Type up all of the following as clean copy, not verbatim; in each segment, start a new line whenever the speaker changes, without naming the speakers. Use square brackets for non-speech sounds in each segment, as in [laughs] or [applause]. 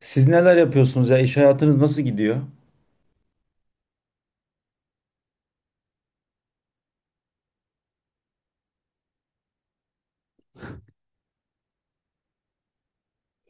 Siz neler yapıyorsunuz ya? İş hayatınız nasıl gidiyor?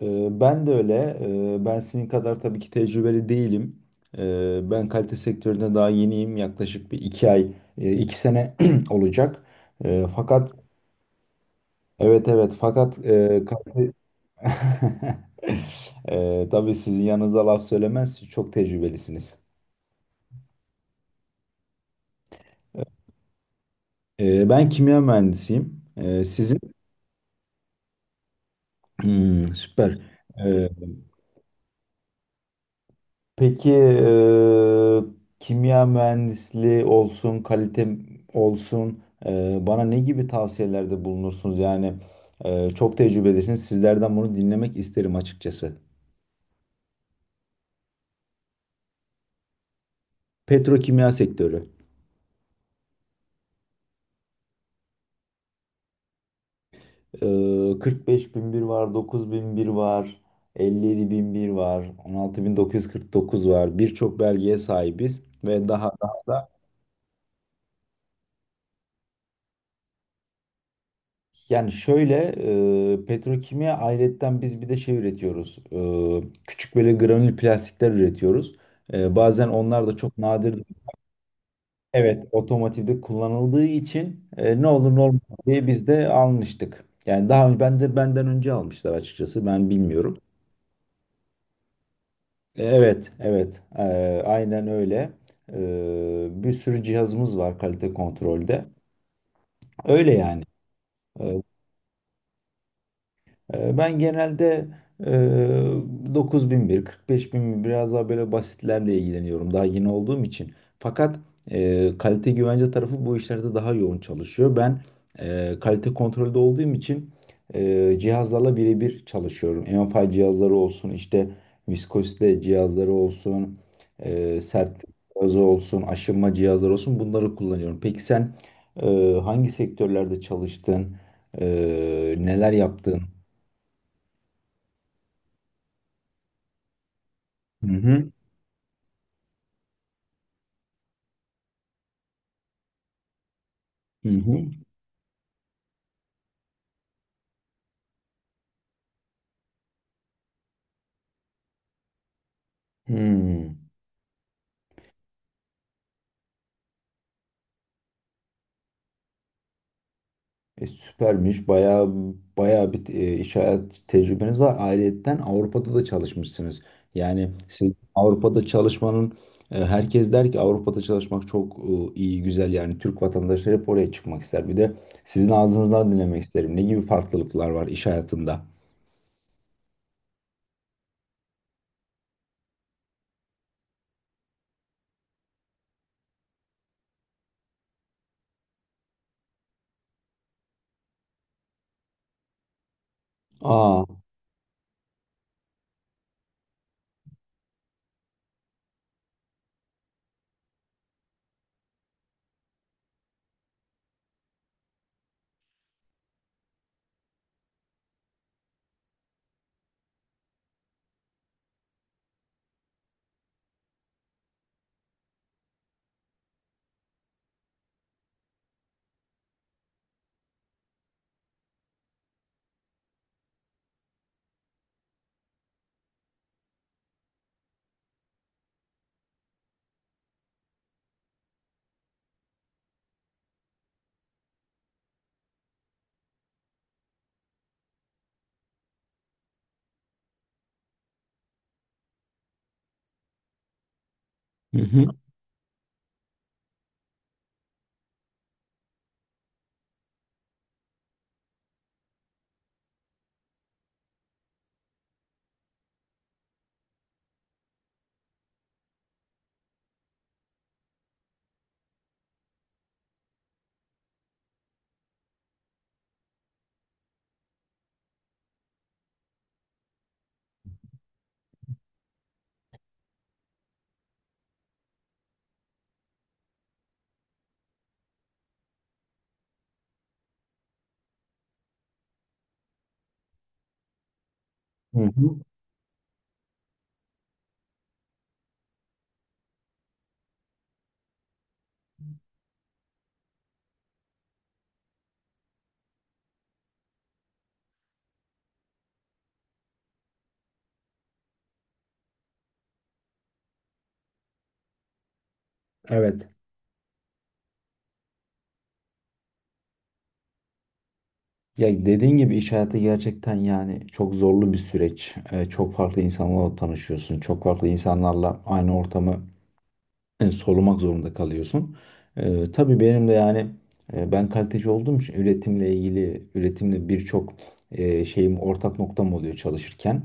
Ben de öyle. Ben sizin kadar tabii ki tecrübeli değilim. Ben kalite sektöründe daha yeniyim. Yaklaşık bir iki ay, iki sene [clears throat] olacak. Fakat evet, fakat kalite... [laughs] tabii sizin yanınızda laf söylemez. Siz çok tecrübelisiniz. Ben kimya mühendisiyim. Sizin. Hmm, süper. Ee, Peki, kimya mühendisliği olsun, kalite olsun, bana ne gibi tavsiyelerde bulunursunuz? Yani çok tecrübelisiniz. Sizlerden bunu dinlemek isterim açıkçası. Petrokimya sektörü. 45001 var, 9001 var, 57001 var, 16.949 var. Birçok belgeye sahibiz ve daha. Yani şöyle, petrokimya ayrıyetten biz bir de şey üretiyoruz. Küçük böyle granül plastikler üretiyoruz. Bazen onlar da çok nadir. Evet, otomotivde kullanıldığı için ne olur ne olmaz diye biz de almıştık. Yani daha önce benden önce almışlar, açıkçası ben bilmiyorum. Evet, evet. Aynen öyle. Bir sürü cihazımız var kalite kontrolde. Öyle yani. Ben genelde e, 9001, 45001 biraz daha böyle basitlerle ilgileniyorum daha yeni olduğum için. Fakat kalite güvence tarafı bu işlerde daha yoğun çalışıyor. Ben kalite kontrolde olduğum için cihazlarla birebir çalışıyorum. MFI cihazları olsun, işte viskozite cihazları olsun, sertlik cihazı olsun, aşınma cihazları olsun, bunları kullanıyorum. Peki sen e, hangi sektörlerde çalıştın? E, Neler yaptın? Hı hı. Hı hı. Hmm. Süpermiş. Bayağı bayağı bir iş hayat tecrübeniz var. Ayrıyeten Avrupa'da da çalışmışsınız. Yani siz Avrupa'da çalışmanın herkes der ki Avrupa'da çalışmak çok iyi, güzel. Yani Türk vatandaşları hep oraya çıkmak ister. Bir de sizin ağzınızdan dinlemek isterim. Ne gibi farklılıklar var iş hayatında? Aa. Hı hı. Hı hı. Evet. Ya dediğin gibi iş hayatı gerçekten yani çok zorlu bir süreç. Çok farklı insanlarla tanışıyorsun. Çok farklı insanlarla aynı ortamı sorumak zorunda kalıyorsun. Tabii benim de yani ben kaliteci olduğum için üretimle ilgili üretimle birçok şeyim ortak noktam oluyor çalışırken.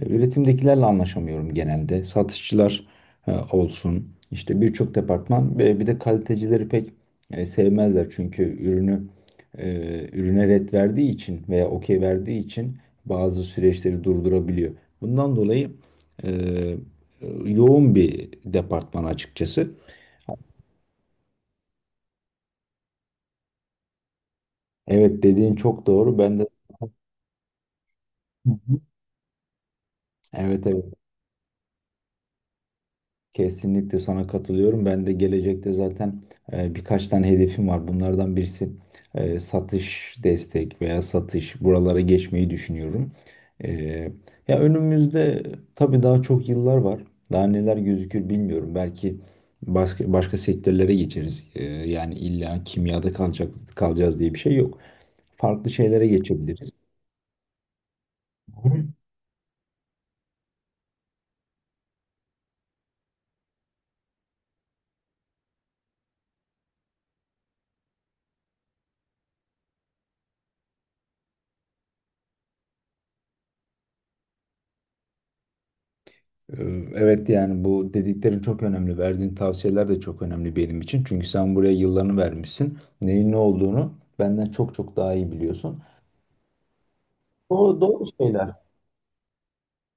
Üretimdekilerle anlaşamıyorum genelde. Satışçılar olsun, işte birçok departman, ve bir de kalitecileri pek sevmezler çünkü e, ürüne ret verdiği için veya okey verdiği için bazı süreçleri durdurabiliyor. Bundan dolayı e, yoğun bir departman açıkçası. Evet dediğin çok doğru. Ben de. Hı hı. Evet, evet, kesinlikle sana katılıyorum. Ben de gelecekte zaten birkaç tane hedefim var. Bunlardan birisi, satış destek veya satış, buralara geçmeyi düşünüyorum. E, Ya önümüzde tabii daha çok yıllar var. Daha neler gözükür bilmiyorum. Belki başka, başka sektörlere geçeriz. Yani illa kimyada kalacağız diye bir şey yok. Farklı şeylere geçebiliriz. Ee, Evet yani bu dediklerin çok önemli. Verdiğin tavsiyeler de çok önemli benim için. Çünkü sen buraya yıllarını vermişsin. Neyin ne olduğunu benden çok çok daha iyi biliyorsun.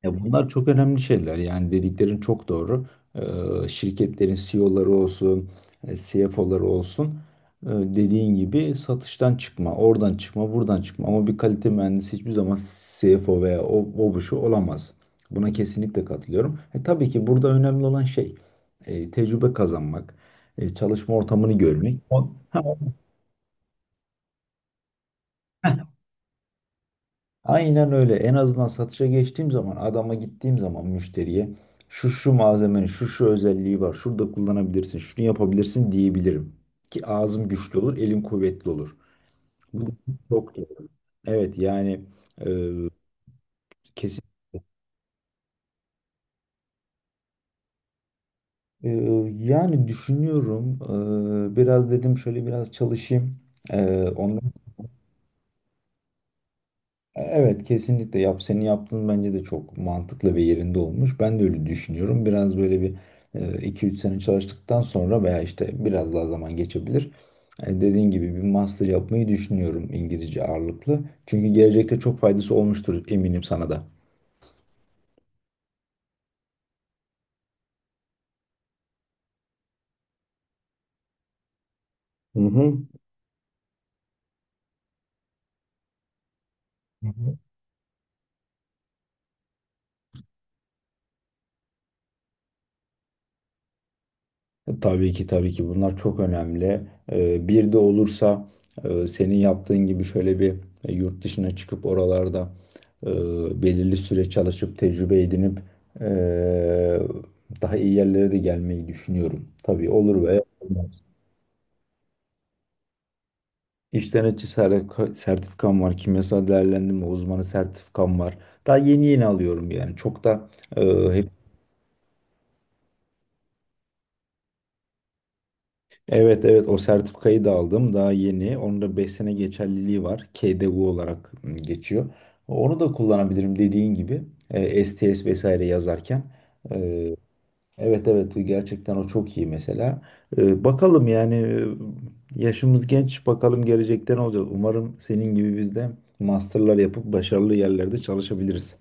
Ya bunlar çok önemli şeyler. Yani dediklerin çok doğru. Şirketlerin CEO'ları olsun, CFO'ları olsun, dediğin gibi satıştan çıkma, oradan çıkma, buradan çıkma. Ama bir kalite mühendisi hiçbir zaman CFO veya o bu şu olamaz. Buna kesinlikle katılıyorum. Tabii ki burada önemli olan şey tecrübe kazanmak, çalışma ortamını görmek. O- Ha, aynen öyle. En azından satışa geçtiğim zaman, adama gittiğim zaman, müşteriye şu şu malzemenin şu şu özelliği var, şurada kullanabilirsin, şunu yapabilirsin diyebilirim. Ki ağzım güçlü olur, elim kuvvetli olur. Bu çok doğru. Evet yani, e, kesin e, yani düşünüyorum. Biraz dedim, şöyle biraz çalışayım. E, ondan Evet kesinlikle yap, senin yaptığın bence de çok mantıklı ve yerinde olmuş. Ben de öyle düşünüyorum. Biraz böyle bir iki üç sene çalıştıktan sonra veya işte biraz daha zaman geçebilir. Dediğin gibi bir master yapmayı düşünüyorum, İngilizce ağırlıklı. Çünkü gelecekte çok faydası olmuştur, eminim sana da. Hı hı. Tabii ki, tabii ki bunlar çok önemli. Bir de olursa, senin yaptığın gibi şöyle bir yurt dışına çıkıp oralarda belirli süre çalışıp tecrübe edinip e, daha iyi yerlere de gelmeyi düşünüyorum. Tabii olur veya olmaz. İş sertifikam var. Kimyasal değerlendirme uzmanı sertifikam var. Daha yeni yeni alıyorum yani. Çok da e, Evet evet, o sertifikayı da aldım daha yeni. Onun da 5 sene geçerliliği var. KDV olarak geçiyor. Onu da kullanabilirim dediğin gibi. STS vesaire yazarken. E, evet evet, gerçekten o çok iyi mesela. Bakalım yani, yaşımız genç, bakalım gelecekte ne olacak. Umarım senin gibi biz de masterlar yapıp başarılı yerlerde çalışabiliriz.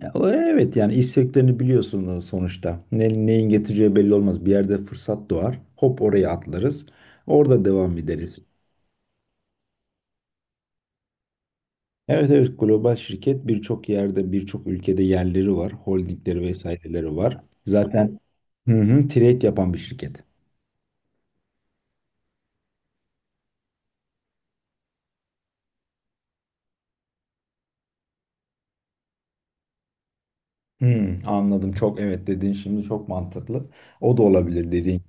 Ya, o evet yani iş sektörünü biliyorsun sonuçta. Neyin getireceği belli olmaz. Bir yerde fırsat doğar. Hop oraya atlarız. Orada devam ederiz. Evet evet, global şirket, birçok yerde birçok ülkede yerleri var. Holdingleri vesaireleri var. Zaten hı hı, trade yapan bir şirket. Hmm, anladım, çok evet dediğin şimdi çok mantıklı. O da olabilir dediğin.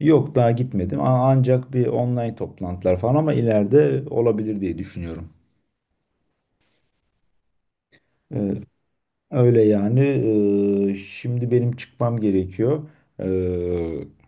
Yok daha gitmedim. Ancak bir online toplantılar falan, ama ileride olabilir diye düşünüyorum. Öyle yani. Şimdi benim çıkmam gerekiyor. Ee,